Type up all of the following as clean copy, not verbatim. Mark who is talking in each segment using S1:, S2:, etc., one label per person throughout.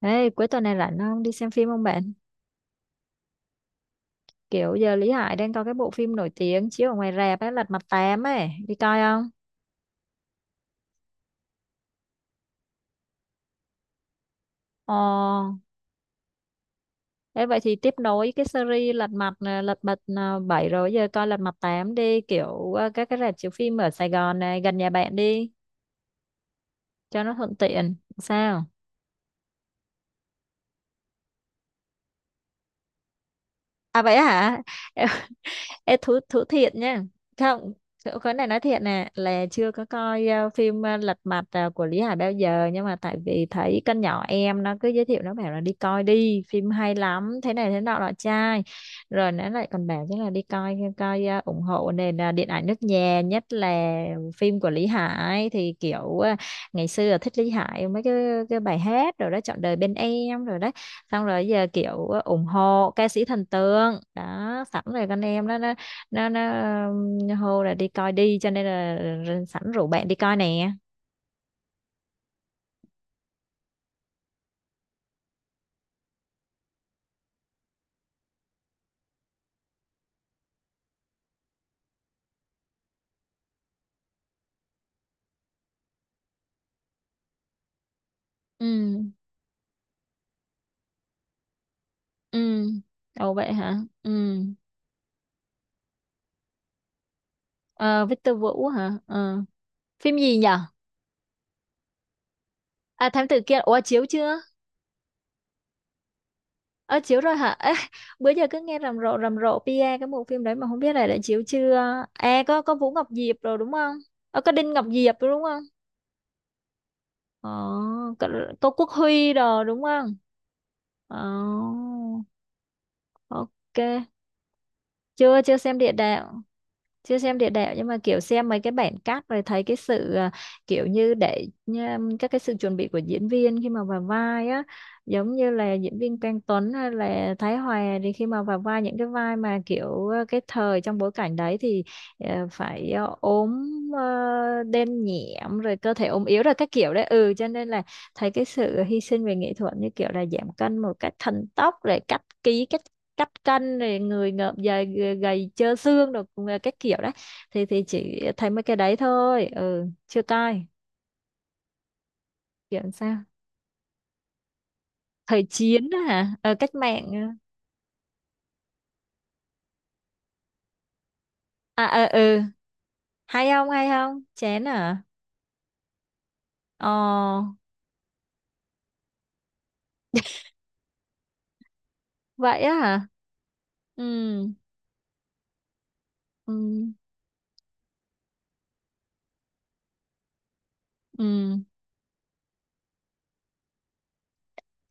S1: Ê, cuối tuần này rảnh không? Đi xem phim không bạn? Kiểu giờ Lý Hải đang có cái bộ phim nổi tiếng chiếu ở ngoài rạp ấy, Lật Mặt tám ấy. Đi coi không? Ồ, thế vậy thì tiếp nối cái series Lật Mặt Lật Mặt 7 rồi giờ coi Lật Mặt tám đi, kiểu các cái rạp chiếu phim ở Sài Gòn này gần nhà bạn đi cho nó thuận tiện. Sao? À vậy hả? Ê, thú thú thiệt nha. Không, chỗ cái này nói thiệt nè là chưa có coi phim Lật Mặt của Lý Hải bao giờ, nhưng mà tại vì thấy con nhỏ em nó cứ giới thiệu, nó bảo là đi coi đi phim hay lắm thế này thế nọ nọ trai, rồi nó lại còn bảo chắc là đi coi coi ủng hộ nền điện ảnh nước nhà, nhất là phim của Lý Hải thì kiểu ngày xưa là thích Lý Hải mấy cái bài hát rồi đó, Trọn đời bên em rồi đó, xong rồi giờ kiểu ủng hộ ca sĩ thần tượng đó, sẵn rồi con em đó nó hô là đi coi đi, cho nên là sẵn rủ bạn đi coi nè. Ừ. Ừ. Ồ vậy hả. Ừ. Ờ, Victor Vũ hả. Ờ. Phim gì nhở? À, Thám Tử Kiên. Ủa chiếu chưa? Ờ chiếu rồi hả. Ê, bữa giờ cứ nghe rầm rộ PA cái bộ phim đấy mà không biết là đã chiếu chưa. À có Vũ Ngọc Diệp rồi đúng không. Ờ, có Đinh Ngọc Diệp rồi đúng không. Ờ, có, có Quốc Huy rồi đúng không. Ờ, ok. Chưa, chưa xem địa đạo. Chưa xem địa đạo nhưng mà kiểu xem mấy cái bản cắt rồi, thấy cái sự kiểu như để nha, các cái sự chuẩn bị của diễn viên khi mà vào vai á, giống như là diễn viên Quang Tuấn hay là Thái Hòa thì khi mà vào vai những cái vai mà kiểu cái thời trong bối cảnh đấy thì phải ốm đen nhẹm rồi cơ thể ốm yếu rồi các kiểu đấy, ừ cho nên là thấy cái sự hy sinh về nghệ thuật như kiểu là giảm cân một cách thần tốc, rồi cắt ký cắt cắt cân rồi người ngợm dài gầy, gầy trơ xương rồi cũng là các kiểu đấy. Thì chỉ thấy mấy cái đấy thôi, ừ chưa coi. Kiểu sao, thời chiến á hả. Ờ, cách mạng á. À ờ ừ. Hay không, hay không chén à. Ờ vậy á hả. Ừ. Ừ. Ừ.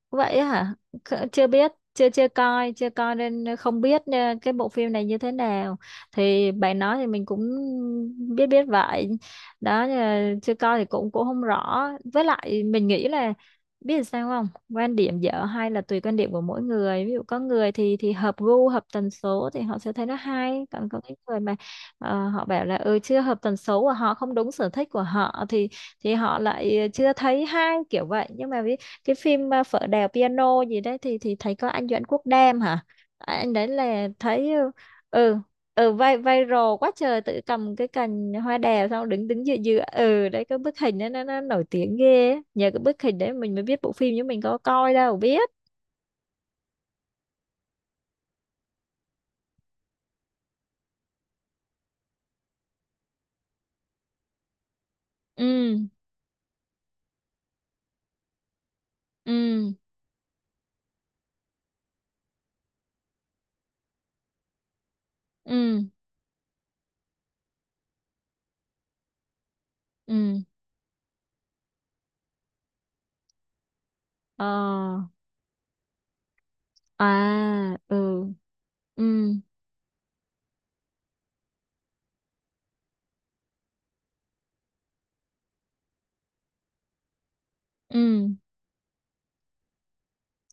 S1: Vậy á hả? Kh- Chưa biết, chưa chưa coi, chưa coi nên không biết cái bộ phim này như thế nào. Thì bạn nói thì mình cũng biết biết vậy. Đó nhưng mà chưa coi thì cũng cũng không rõ. Với lại mình nghĩ là biết sao không? Quan điểm dở hay là tùy quan điểm của mỗi người. Ví dụ có người thì hợp gu, hợp tần số thì họ sẽ thấy nó hay, còn có những người mà họ bảo là ừ chưa hợp tần số của họ, không đúng sở thích của họ thì họ lại chưa thấy hay kiểu vậy. Nhưng mà ví cái phim Phở Đèo Piano gì đấy thì thấy có anh Doãn Quốc Đam hả. À, anh đấy là thấy ừ. Ừ, ừ, vai viral quá trời, tự cầm cái cành hoa đào xong đứng đứng giữa giữa ừ đấy, cái bức hình đó nó nổi tiếng ghê á. Nhờ cái bức hình đấy mình mới biết bộ phim, chứ mình có coi đâu biết. Ừ ừ ừ ừ. Ờ à ừ ừ ừ.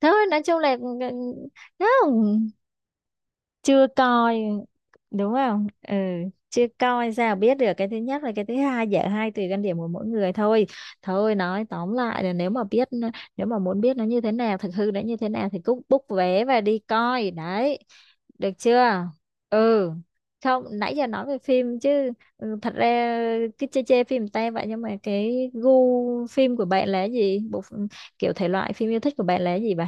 S1: Thôi nói chung là ừ, ừ, không chưa coi đúng không. Ừ, chưa coi sao biết được. Cái thứ nhất, và cái thứ hai dở hai tùy quan điểm của mỗi người thôi. Thôi nói tóm lại là nếu mà biết, nếu mà muốn biết nó như thế nào, thực hư nó như thế nào thì cứ book vé và đi coi đấy, được chưa. Ừ, không nãy giờ nói về phim chứ. Ừ, thật ra cứ chê chê phim ta vậy, nhưng mà cái gu phim của bạn là gì, kiểu thể loại phim yêu thích của bạn là gì vậy.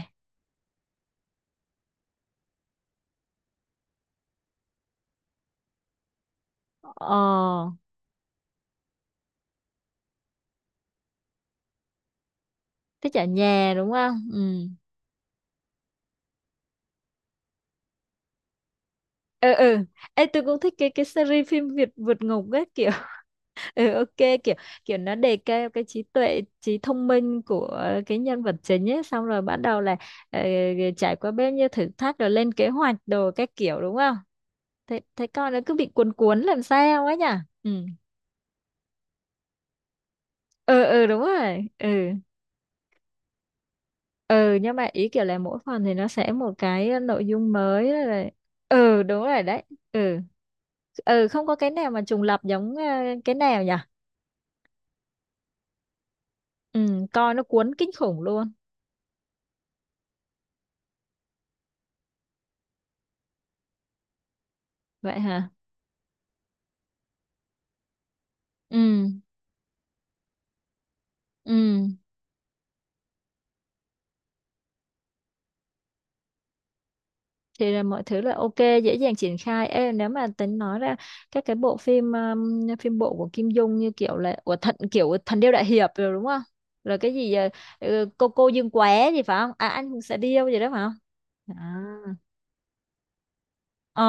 S1: Ờ thích ở nhà đúng không. Ừ ừ ừ. Ê, tôi cũng thích cái series phim Việt vượt ngục ấy kiểu. Ừ, ok. Kiểu kiểu nó đề cao cái trí tuệ, trí thông minh của cái nhân vật chính ấy, xong rồi bắt đầu là ờ, trải qua bao nhiêu thử thách rồi lên kế hoạch đồ các kiểu đúng không. Thế thế con nó cứ bị cuốn cuốn làm sao ấy nhỉ. Ừ ừ ừ đúng rồi ừ. Ừ nhưng mà ý kiểu là mỗi phần thì nó sẽ một cái nội dung mới rồi. Ừ đúng rồi đấy. Ừ. Ừ, không có cái nào mà trùng lặp giống cái nào nhỉ. Ừ, coi nó cuốn kinh khủng luôn. Vậy hả? Ừ, ừ. Thì là mọi thứ là ok, dễ dàng triển khai. Ê, nếu mà tính nói ra các cái bộ phim phim bộ của Kim Dung như kiểu là của thần kiểu Thần Điêu Đại Hiệp rồi đúng không? Rồi cái gì ừ, cô Dương Quá gì phải không? À anh cũng sẽ điêu gì đó phải không? À. Ờ,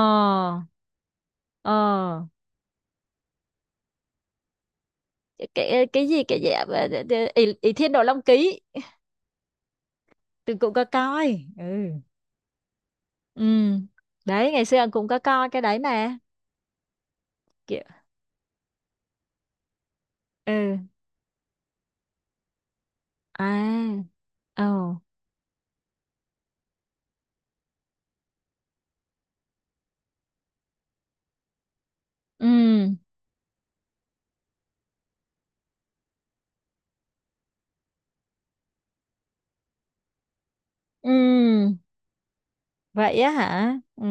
S1: ờ. Cái gì ý, ý Thiên Đồ Long Ký từng cũng có coi. Ừ. Ừ. Đấy ngày xưa cũng có coi cái đấy mà. Ừ à ồ ừ ừ. Vậy á hả? Ừ.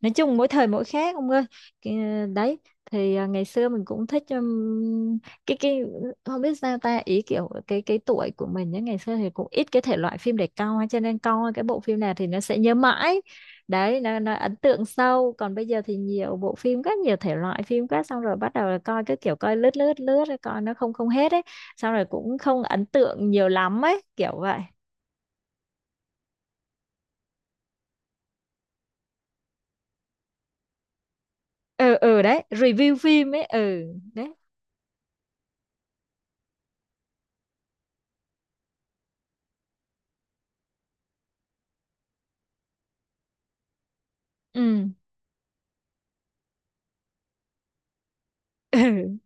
S1: Nói chung mỗi thời mỗi khác ông ơi. Cái- Đấy thì ngày xưa mình cũng thích cái không biết sao ta, ý kiểu cái tuổi của mình nhá, ngày xưa thì cũng ít cái thể loại phim để coi, cho nên coi cái bộ phim nào thì nó sẽ nhớ mãi. Đấy nó ấn tượng sâu, còn bây giờ thì nhiều bộ phim quá, nhiều thể loại phim quá, xong rồi bắt đầu là coi cái kiểu coi lướt lướt lướt rồi coi nó không không hết ấy, xong rồi cũng không ấn tượng nhiều lắm ấy, kiểu vậy. Ừ ừ đấy, review phim ấy, ừ đấy. Ừ. Ừ,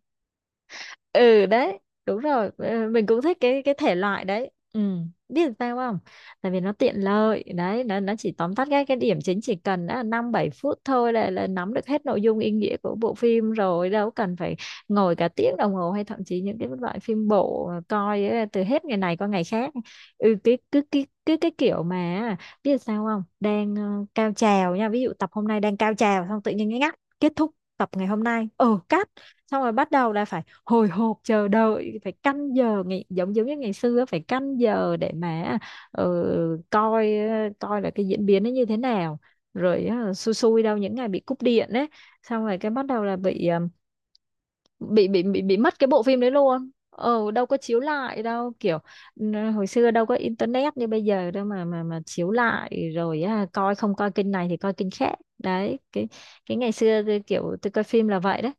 S1: ừ đấy đúng rồi. Ờ, mình cũng thích cái thể loại đấy ừ, biết sao không, tại vì nó tiện lợi đấy, nó chỉ tóm tắt cái điểm chính, chỉ cần đã là năm bảy phút thôi là nắm được hết nội dung ý nghĩa của bộ phim, rồi đâu cần phải ngồi cả tiếng đồng hồ hay thậm chí những cái loại phim bộ mà coi ấy, từ hết ngày này qua ngày khác. Ừ cái cứ cái kiểu mà biết sao không, đang cao trào nha, ví dụ tập hôm nay đang cao trào xong tự nhiên cái ngắt kết thúc tập ngày hôm nay ừ cắt, xong rồi bắt đầu là phải hồi hộp chờ đợi, phải canh giờ ngày, giống giống như ngày xưa phải canh giờ để mà ờ, coi coi là cái diễn biến nó như thế nào, rồi xui xui đâu những ngày bị cúp điện ấy, xong rồi cái bắt đầu là bị bị mất cái bộ phim đấy luôn, ờ đâu có chiếu lại đâu kiểu. Ừ, hồi xưa đâu có internet như bây giờ đâu mà chiếu lại rồi á, coi không coi kênh này thì coi kênh khác đấy cái. Cái ngày xưa tôi kiểu tôi coi phim là vậy đấy.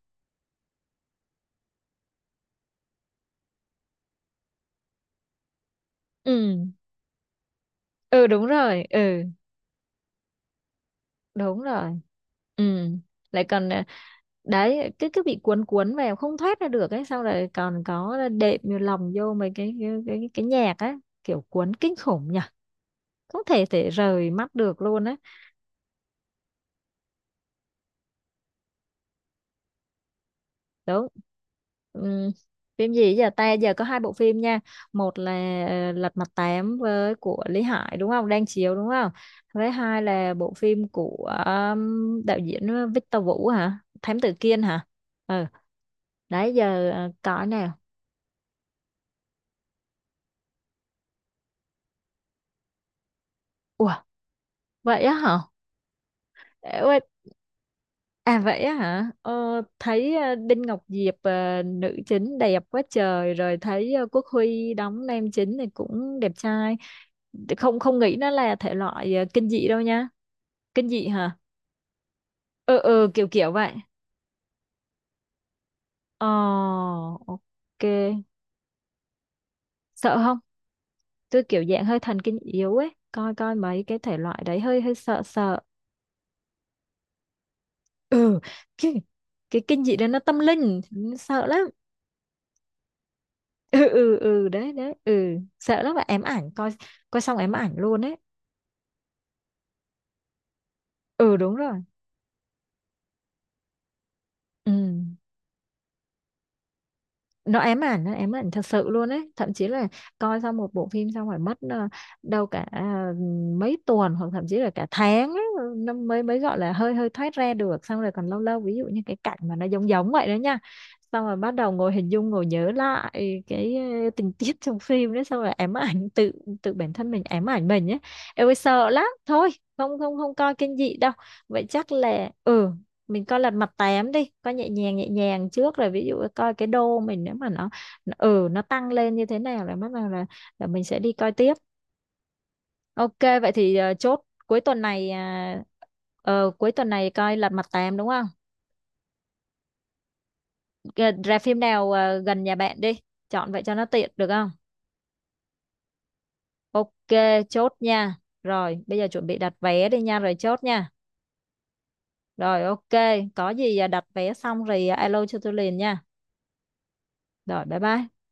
S1: Ừ ừ đúng rồi ừ đúng rồi ừ. Lại còn đấy cái bị cuốn cuốn vào không thoát ra được ấy, xong rồi còn có đệm vô lòng vô mấy cái nhạc á, kiểu cuốn kinh khủng nhỉ. Không thể thể rời mắt được luôn á. Đúng ừ. Phim gì giờ ta, giờ có hai bộ phim nha, một là Lật Mặt Tám với của Lý Hải đúng không, đang chiếu đúng không, với hai là bộ phim của đạo diễn Victor Vũ hả, Thám Tử Kiên hả. Ừ đấy giờ có nào. Ủa, vậy á hả. Ê, quên. À vậy á hả, thấy Đinh Ngọc Diệp nữ chính đẹp quá trời, rồi thấy Quốc Huy đóng nam chính thì cũng đẹp trai, không không nghĩ nó là thể loại kinh dị đâu nha. Kinh dị hả, ừ ừ kiểu kiểu vậy. Ờ ok. Sợ không, tôi kiểu dạng hơi thần kinh yếu ấy, coi coi mấy cái thể loại đấy hơi hơi sợ sợ. Ừ, cái cái kinh dị đó nó tâm linh, sợ lắm. Ừ ừ ừ đấy đấy ừ, sợ lắm mà ém ảnh coi, coi xong ém ảnh luôn ấy. Ừ đúng rồi ừ, nó ám ảnh, nó ám ảnh thật sự luôn ấy, thậm chí là coi xong một bộ phim xong phải mất đâu cả mấy tuần hoặc thậm chí là cả tháng ấy, nó mới mới gọi là hơi hơi thoát ra được, xong rồi còn lâu lâu ví dụ như cái cảnh mà nó giống giống vậy đó nha, xong rồi bắt đầu ngồi hình dung, ngồi nhớ lại cái tình tiết trong phim đấy. Xong rồi ám ảnh tự, tự bản thân mình ám ảnh mình ấy. Em ơi sợ lắm thôi, không không không coi kinh dị đâu. Vậy chắc là ừ, mình coi lật mặt tám đi, coi nhẹ nhàng, nhẹ nhàng trước rồi ví dụ coi cái đô mình nếu mà nó ừ nó tăng lên như thế nào là bắt đầu là mình sẽ đi coi tiếp. Ok vậy thì chốt cuối tuần này cuối tuần này coi lật mặt tám đúng không. Ờ, ra phim nào gần nhà bạn đi, chọn vậy cho nó tiện được không. Ok chốt nha, rồi bây giờ chuẩn bị đặt vé đi nha, rồi chốt nha. Rồi ok, có gì đặt vé xong rồi alo cho tôi liền nha. Rồi bye bye.